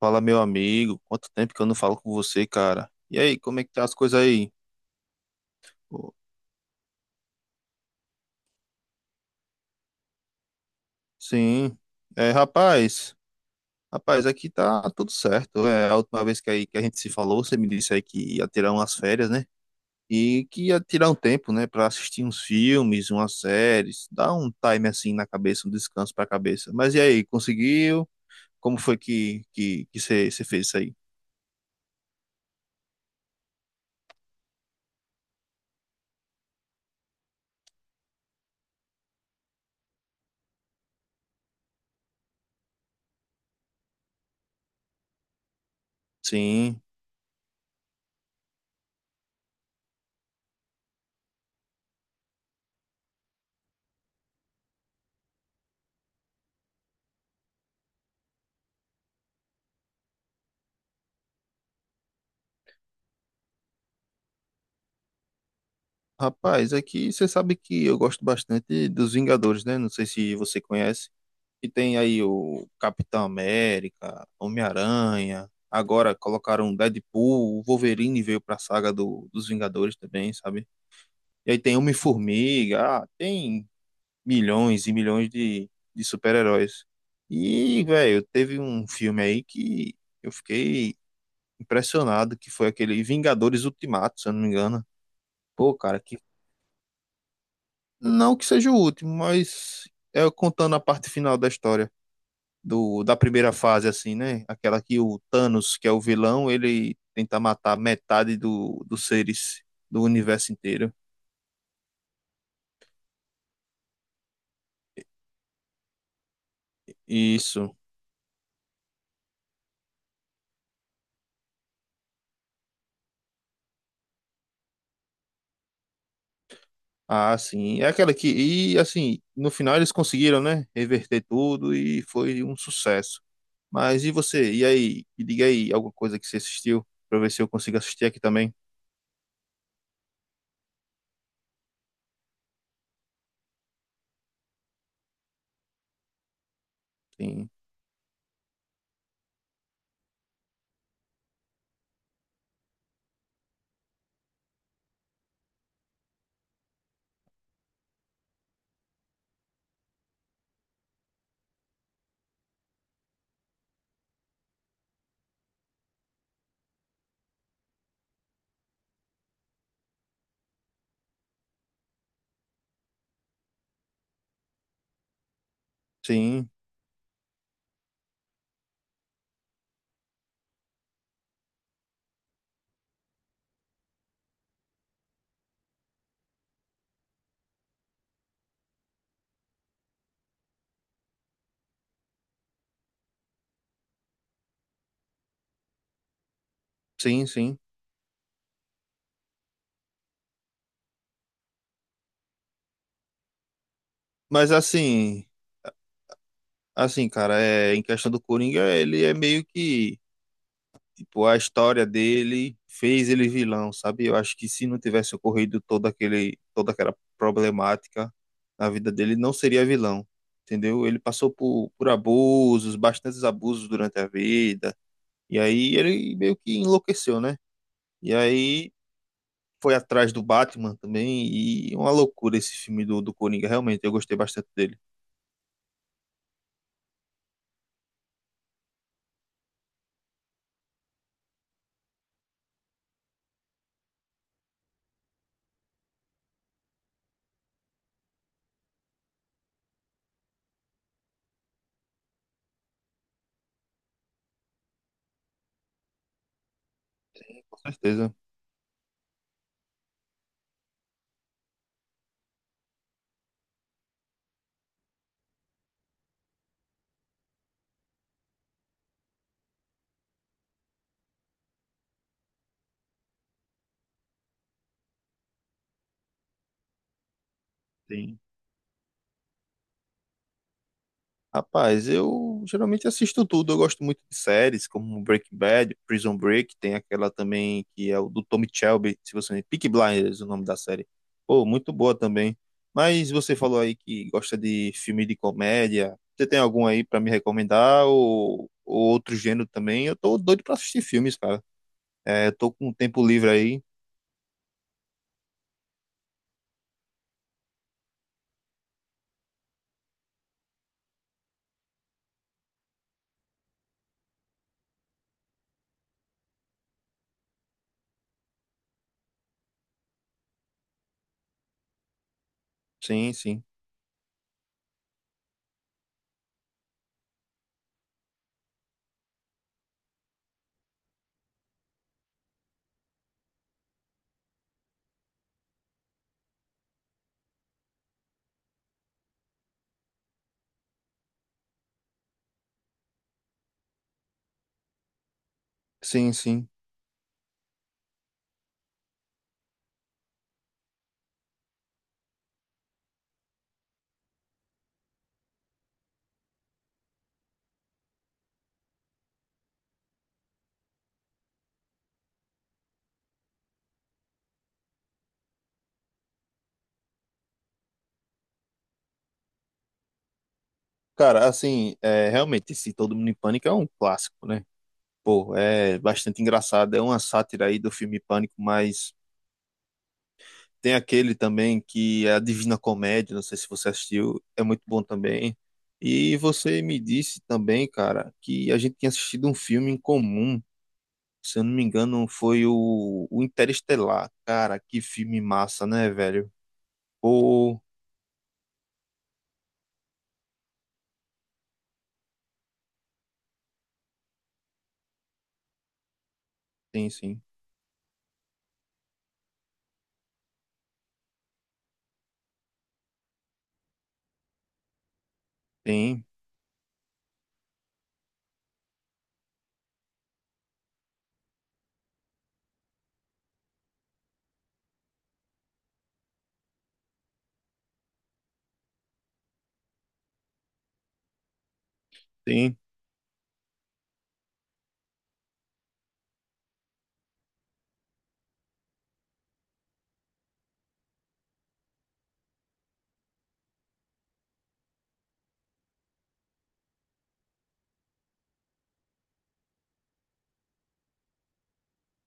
Fala, meu amigo. Quanto tempo que eu não falo com você, cara? E aí, como é que tá as coisas aí? Pô. Sim. Rapaz, aqui tá tudo certo. É, a última vez que a gente se falou, você me disse aí que ia tirar umas férias, né? E que ia tirar um tempo, né, pra assistir uns filmes, umas séries, dar um time assim na cabeça, um descanso pra cabeça. Mas e aí, conseguiu? Como foi que você fez isso aí? Sim. Rapaz, aqui você sabe que eu gosto bastante dos Vingadores, né? Não sei se você conhece. Que tem aí o Capitão América, Homem-Aranha. Agora colocaram Deadpool, o Wolverine veio pra saga dos Vingadores também, sabe? E aí tem Homem-Formiga, tem milhões e milhões de super-heróis. E, velho, teve um filme aí que eu fiquei impressionado, que foi aquele Vingadores Ultimato, se eu não me engano. Pô, cara, que não que seja o último, mas é contando a parte final da história. Da primeira fase, assim, né? Aquela que o Thanos, que é o vilão, ele tenta matar metade dos seres do universo inteiro. Isso. Ah, sim. É aquela que. E assim, no final eles conseguiram, né? Reverter tudo e foi um sucesso. Mas e você? E aí? Me diga aí alguma coisa que você assistiu, pra ver se eu consigo assistir aqui também. Sim, sim, sim, sim. Mas assim, cara, é, em questão do Coringa, ele é meio que. Tipo, a história dele fez ele vilão, sabe? Eu acho que se não tivesse ocorrido toda aquela problemática na vida dele, ele não seria vilão, entendeu? Ele passou por abusos, bastantes abusos durante a vida, e aí ele meio que enlouqueceu, né? E aí foi atrás do Batman também, e é uma loucura esse filme do Coringa, realmente, eu gostei bastante dele, com certeza. Tem. Rapaz, eu geralmente assisto tudo. Eu gosto muito de séries como Breaking Bad, Prison Break, tem aquela também que é o do Tommy Shelby, se você Peaky Blinders, o nome da série. Pô, muito boa também. Mas você falou aí que gosta de filme de comédia. Você tem algum aí pra me recomendar ou outro gênero também? Eu tô doido pra assistir filmes, cara. É, eu tô com um tempo livre aí. Sim, sim. Sim, sim. Cara, assim, é, realmente, esse Todo Mundo em Pânico é um clássico, né? Pô, é bastante engraçado. É uma sátira aí do filme Pânico, mas tem aquele também que é a Divina Comédia, não sei se você assistiu, é muito bom também. E você me disse também, cara, que a gente tinha assistido um filme em comum. Se eu não me engano, foi o Interestelar. Cara, que filme massa, né, velho? Pô, tem sim, tem, tem.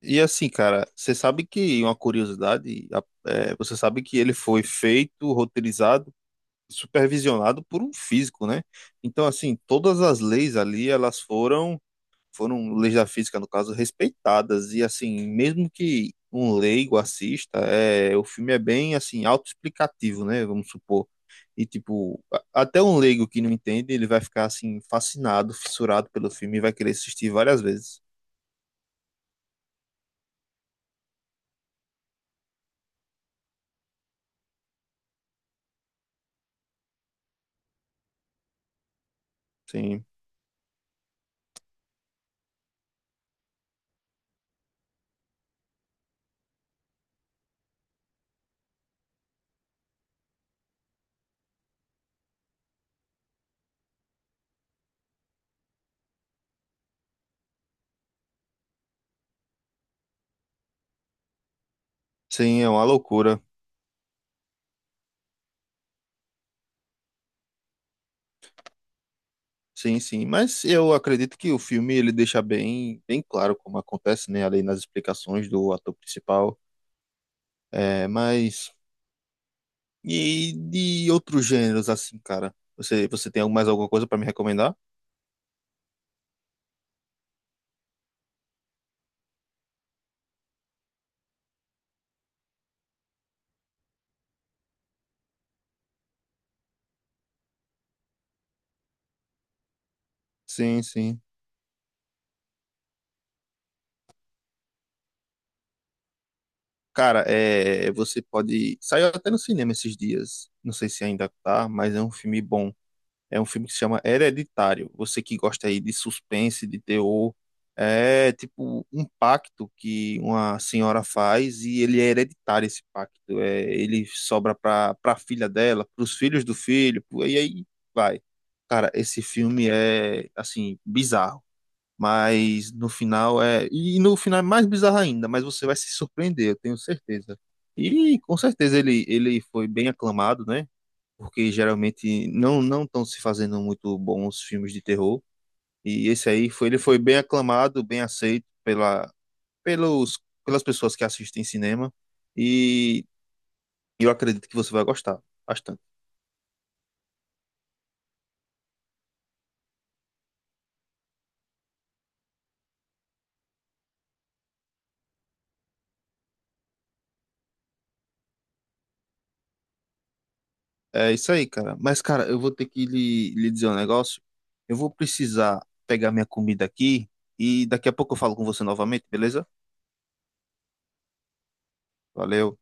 E assim, cara, você sabe que uma curiosidade, é, você sabe que ele foi feito, roteirizado, supervisionado por um físico, né? Então, assim, todas as leis ali, foram leis da física, no caso, respeitadas. E, assim, mesmo que um leigo assista, é, o filme é bem, assim, autoexplicativo, né? Vamos supor. E, tipo, até um leigo que não entende, ele vai ficar, assim, fascinado, fissurado pelo filme e vai querer assistir várias vezes. Sim, sim, é uma loucura. Sim, sim, mas eu acredito que o filme ele deixa bem claro como acontece, né, ali nas explicações do ator principal. É, mas e de outros gêneros assim, cara? Você tem mais alguma coisa para me recomendar? Sim, sim. Cara, é, você pode saiu até no cinema esses dias. Não sei se ainda tá, mas é um filme bom. É um filme que se chama Hereditário. Você que gosta aí de suspense, de terror, é tipo um pacto que uma senhora faz e ele é hereditário esse pacto. É, ele sobra para filha dela, para os filhos do filho, pro- e aí vai. Cara, esse filme é assim bizarro, mas no final no final é mais bizarro ainda, mas você vai se surpreender, eu tenho certeza. E com certeza ele foi bem aclamado, né? Porque geralmente não estão se fazendo muito bons filmes de terror. E esse aí foi ele foi bem aclamado, bem aceito pela pelos pelas pessoas que assistem cinema e eu acredito que você vai gostar bastante. É isso aí, cara. Mas cara, eu vou ter que lhe dizer um negócio. Eu vou precisar pegar minha comida aqui e daqui a pouco eu falo com você novamente, beleza? Valeu.